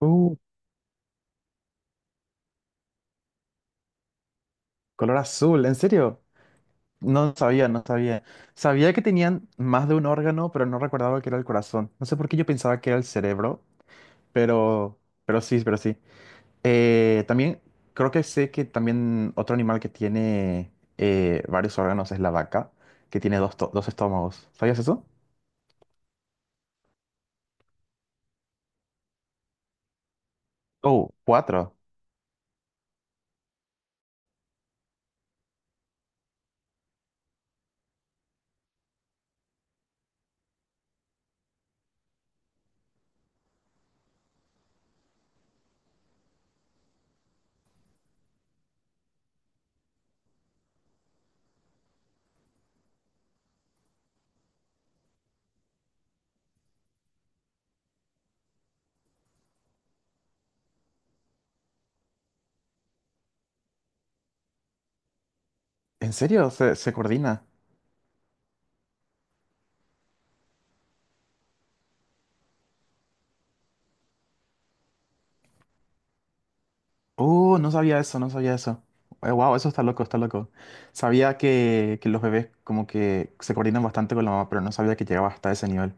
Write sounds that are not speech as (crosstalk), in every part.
Uh, color azul, ¿en serio? No sabía, no sabía. Sabía que tenían más de un órgano, pero no recordaba que era el corazón. No sé por qué yo pensaba que era el cerebro, pero, pero sí, pero sí. También creo que sé que también otro animal que tiene varios órganos es la vaca, que tiene dos, dos estómagos. ¿Sabías eso? Oh, cuatro. ¿En serio? ¿Se coordina? Oh, no sabía eso, no sabía eso. Wow, eso está loco, está loco. Sabía que los bebés como que se coordinan bastante con la mamá, pero no sabía que llegaba hasta ese nivel.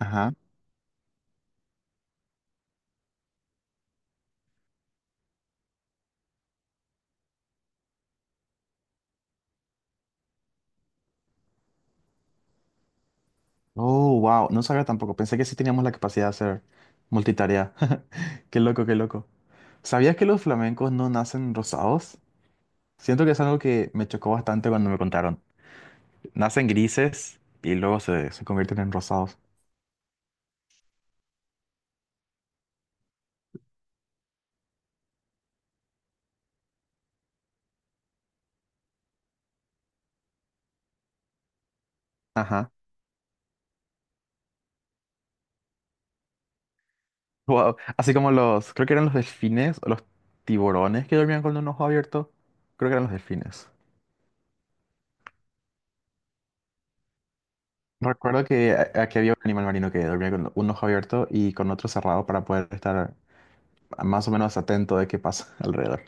Ajá. Oh, wow, no sabía tampoco. Pensé que sí teníamos la capacidad de hacer multitarea. (laughs) Qué loco, qué loco. ¿Sabías que los flamencos no nacen rosados? Siento que es algo que me chocó bastante cuando me contaron. Nacen grises y luego se convierten en rosados. Ajá. Wow. Así como los, creo que eran los delfines o los tiburones que dormían con un ojo abierto. Creo que eran los delfines. Recuerdo que aquí había un animal marino que dormía con un ojo abierto y con otro cerrado para poder estar más o menos atento de qué pasa (laughs) alrededor.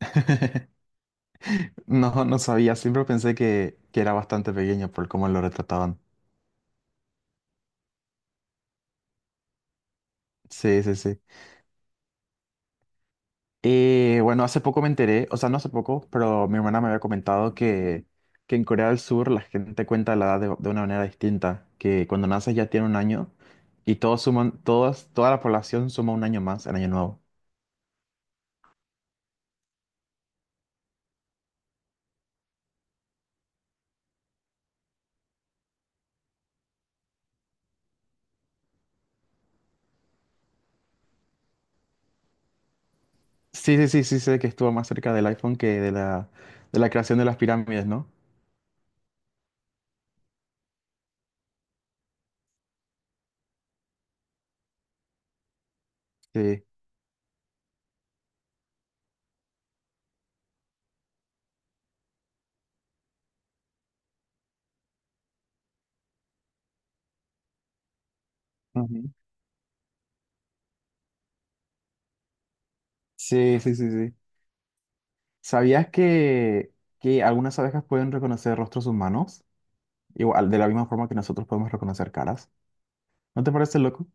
(laughs) No, no sabía, siempre pensé que era bastante pequeño por cómo lo retrataban. Sí, sí, sí. Bueno, hace poco me enteré, o sea, no hace poco, pero mi hermana me había comentado que en Corea del Sur la gente cuenta la edad de una manera distinta, que cuando naces ya tiene un año y todos suman, todas, toda la población suma un año más en año nuevo. Sí, sí, sí, sí, sé que estuvo más cerca del iPhone que de la creación de las pirámides, ¿no? Sí. Ujú. Sí, sí, sí, sí. ¿Sabías que algunas abejas pueden reconocer rostros humanos? Igual, de la misma forma que nosotros podemos reconocer caras. ¿No te parece loco?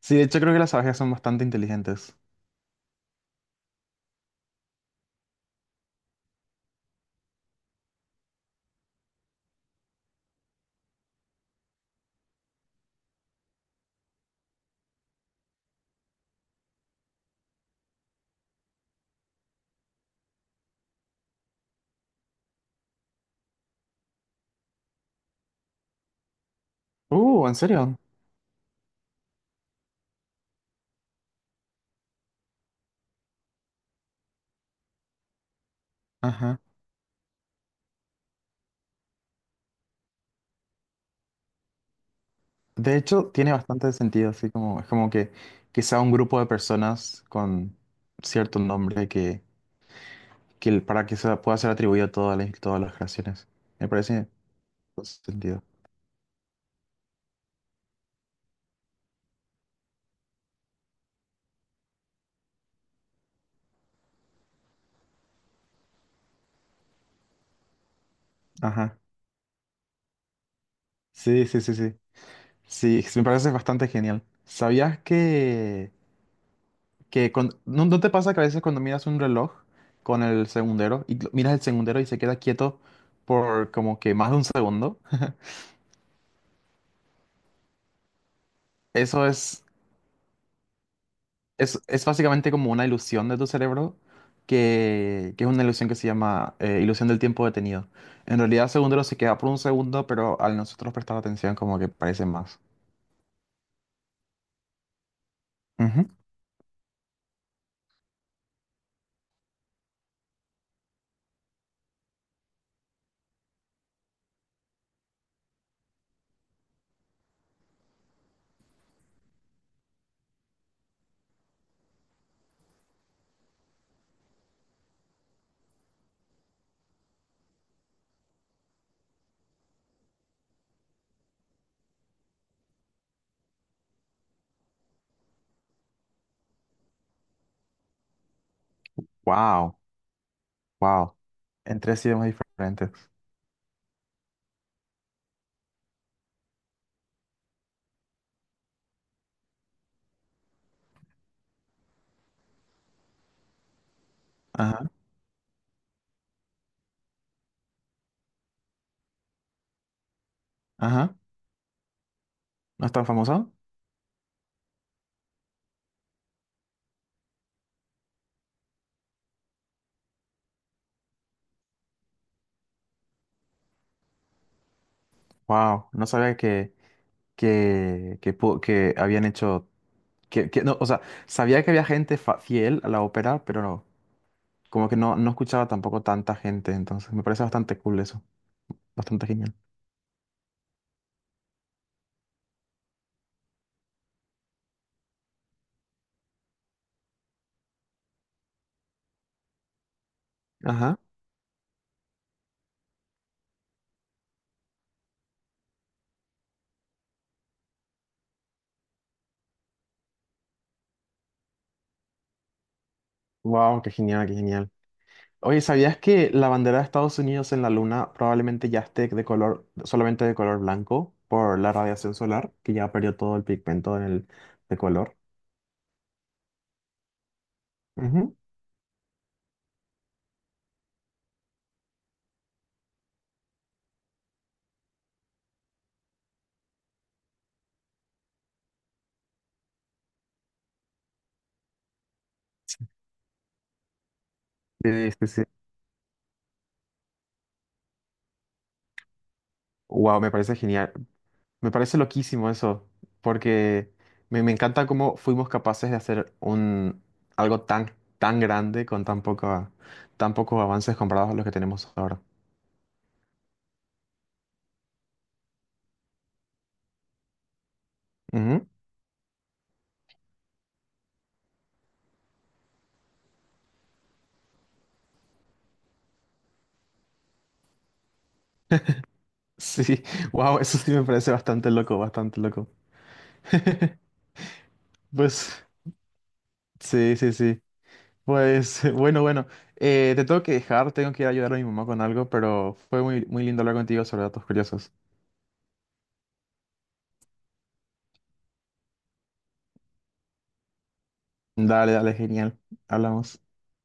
Sí, de hecho creo que las abejas son bastante inteligentes. ¿En serio? Ajá. De hecho, tiene bastante sentido, así como, es como que sea un grupo de personas con cierto nombre que para que se pueda ser atribuido a todas las creaciones. Me parece con sentido. Ajá. Sí, sí, sí, sí. Sí, me parece bastante genial. ¿Sabías que ¿no, no te pasa que a veces cuando miras un reloj con el segundero y miras el segundero y se queda quieto por como que más de un segundo? Eso es básicamente como una ilusión de tu cerebro, que es una ilusión que se llama ilusión del tiempo detenido. En realidad, segundo se queda por un segundo, pero al nosotros prestar atención, como que parece más. Ujú. Wow, wow. En tres idiomas diferentes. Ajá, ajá. ¿No es tan famoso? Wow, no sabía que, que habían hecho. Que, no, o sea, sabía que había gente fiel a la ópera, pero no, como que no, no escuchaba tampoco tanta gente, entonces me parece bastante cool eso. Bastante genial. Ajá. Wow, qué genial, qué genial. Oye, ¿sabías que la bandera de Estados Unidos en la Luna probablemente ya esté de color, solamente de color blanco por la radiación solar, que ya perdió todo el pigmento en el, de color? Ujú. Sí, sí, sí. Wow, me parece genial. Me parece loquísimo eso, porque me encanta cómo fuimos capaces de hacer un, algo tan, tan grande con tan poco tan pocos avances comparados a los que tenemos ahora. Sí, (laughs) wow, eso sí me parece bastante loco, bastante loco. (laughs) Pues, sí, sí, sí. Pues, (laughs) bueno, bueno, te tengo que dejar, tengo que ir a ayudar a mi mamá con algo, pero fue muy, muy lindo hablar contigo sobre datos curiosos. Dale, dale, genial. Hablamos.